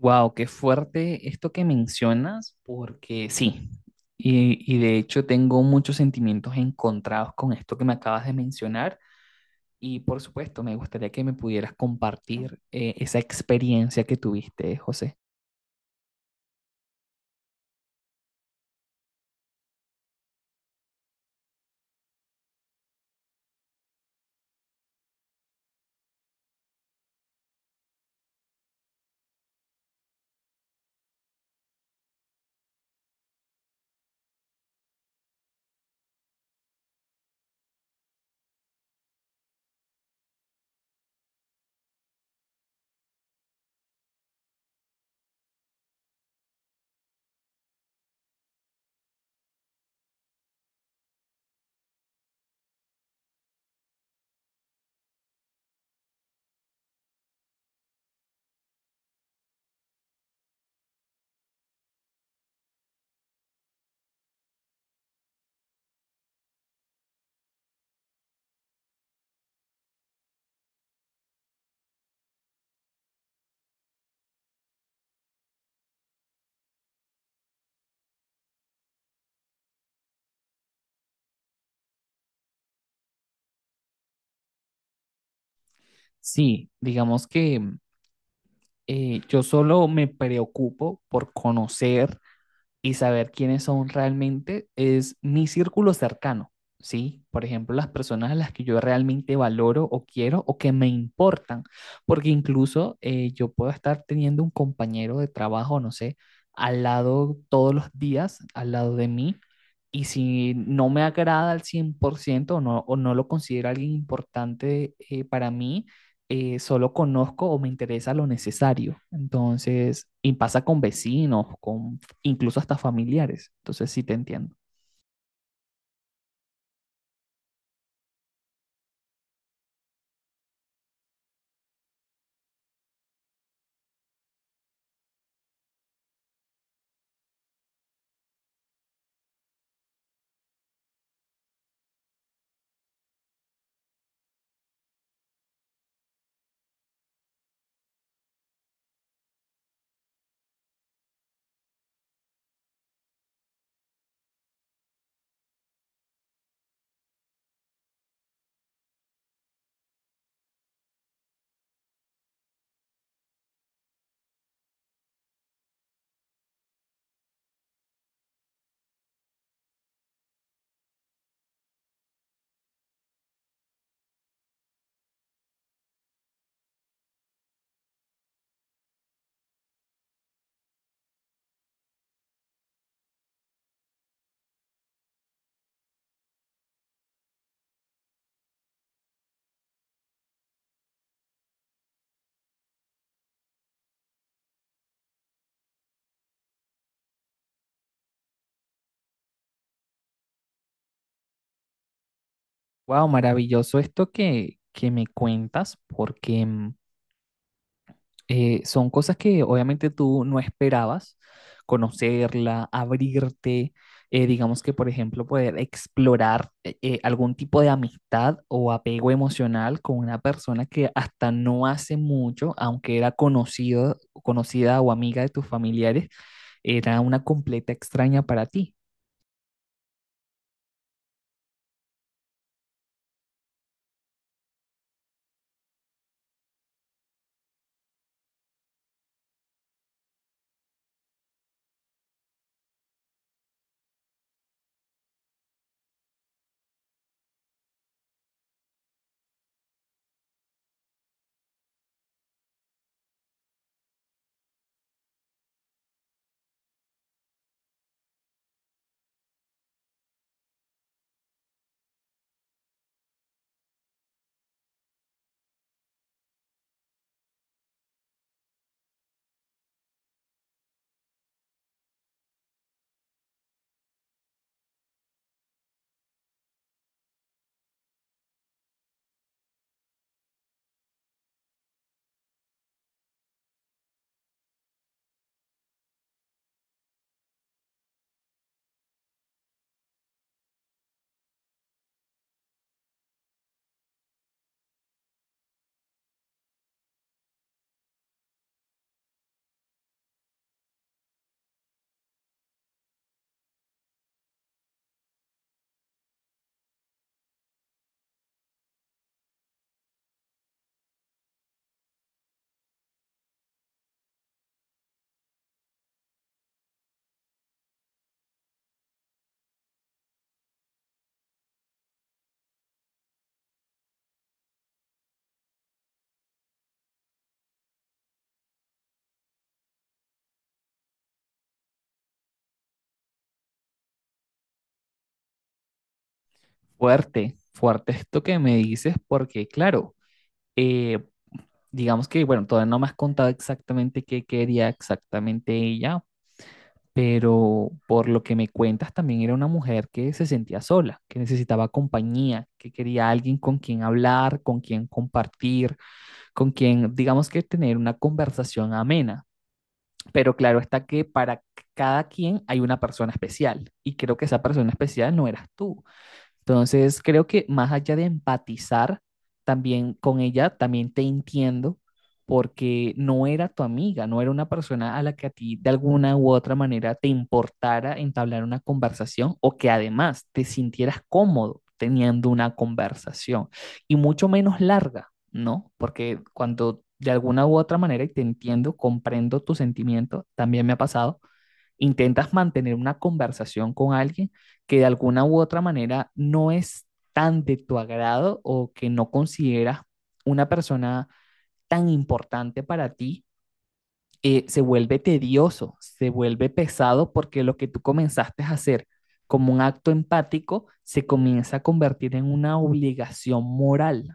Wow, qué fuerte esto que mencionas, porque sí, y de hecho tengo muchos sentimientos encontrados con esto que me acabas de mencionar, y por supuesto me gustaría que me pudieras compartir esa experiencia que tuviste, José. Sí, digamos que yo solo me preocupo por conocer y saber quiénes son realmente es mi círculo cercano, ¿sí? Por ejemplo, las personas a las que yo realmente valoro o quiero o que me importan, porque incluso yo puedo estar teniendo un compañero de trabajo, no sé, al lado todos los días, al lado de mí, y si no me agrada al 100% o no lo considero alguien importante para mí, solo conozco o me interesa lo necesario. Entonces, y pasa con vecinos, con incluso hasta familiares. Entonces sí te entiendo. Wow, maravilloso esto que me cuentas, porque son cosas que obviamente tú no esperabas conocerla, abrirte, digamos que, por ejemplo, poder explorar algún tipo de amistad o apego emocional con una persona que hasta no hace mucho, aunque era conocido, conocida o amiga de tus familiares, era una completa extraña para ti. Fuerte, fuerte esto que me dices, porque claro, eh, digamos que, bueno, todavía no me has contado exactamente qué quería exactamente ella, pero por lo que me cuentas también era una mujer que se sentía sola, que necesitaba compañía, que quería alguien con quien hablar, con quien compartir, con quien, digamos que tener una conversación amena. Pero claro está que para cada quien hay una persona especial y creo que esa persona especial no eras tú. Entonces, creo que más allá de empatizar también con ella, también te entiendo porque no era tu amiga, no era una persona a la que a ti de alguna u otra manera te importara entablar una conversación o que además te sintieras cómodo teniendo una conversación y mucho menos larga, ¿no? Porque cuando de alguna u otra manera, y te entiendo, comprendo tu sentimiento, también me ha pasado, intentas mantener una conversación con alguien que de alguna u otra manera no es tan de tu agrado o que no consideras una persona tan importante para ti, se vuelve tedioso, se vuelve pesado porque lo que tú comenzaste a hacer como un acto empático se comienza a convertir en una obligación moral.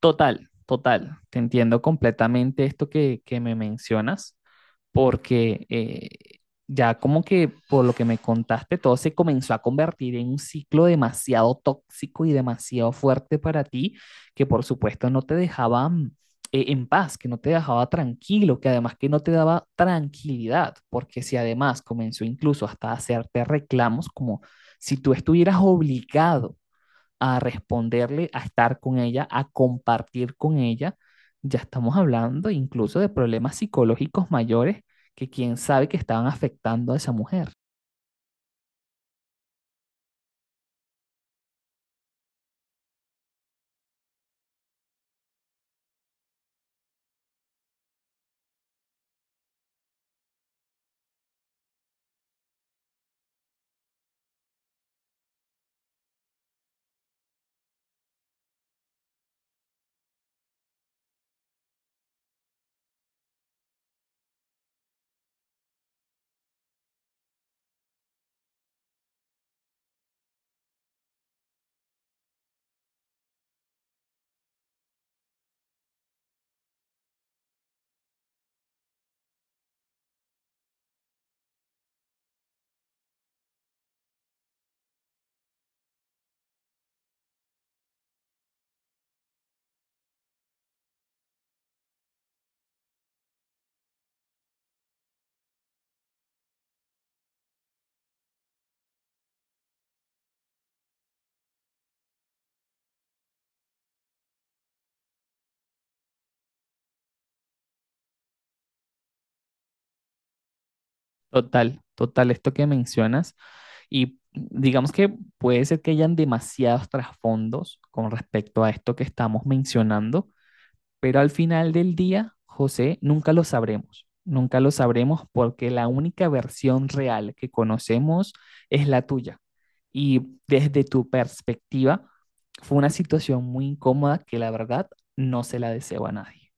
Total, total, te entiendo completamente esto que me mencionas. Porque ya como que por lo que me contaste, todo se comenzó a convertir en un ciclo demasiado tóxico y demasiado fuerte para ti, que por supuesto no te dejaba en paz, que no te dejaba tranquilo, que además que no te daba tranquilidad, porque si además comenzó incluso hasta a hacerte reclamos como si tú estuvieras obligado a responderle, a estar con ella, a compartir con ella, ya estamos hablando incluso de problemas psicológicos mayores que quién sabe que estaban afectando a esa mujer. Total, total, esto que mencionas y digamos que puede ser que hayan demasiados trasfondos con respecto a esto que estamos mencionando. Pero al final del día, José, nunca lo sabremos. Nunca lo sabremos porque la única versión real que conocemos es la tuya. Y desde tu perspectiva, fue una situación muy incómoda que la verdad no se la deseo a nadie.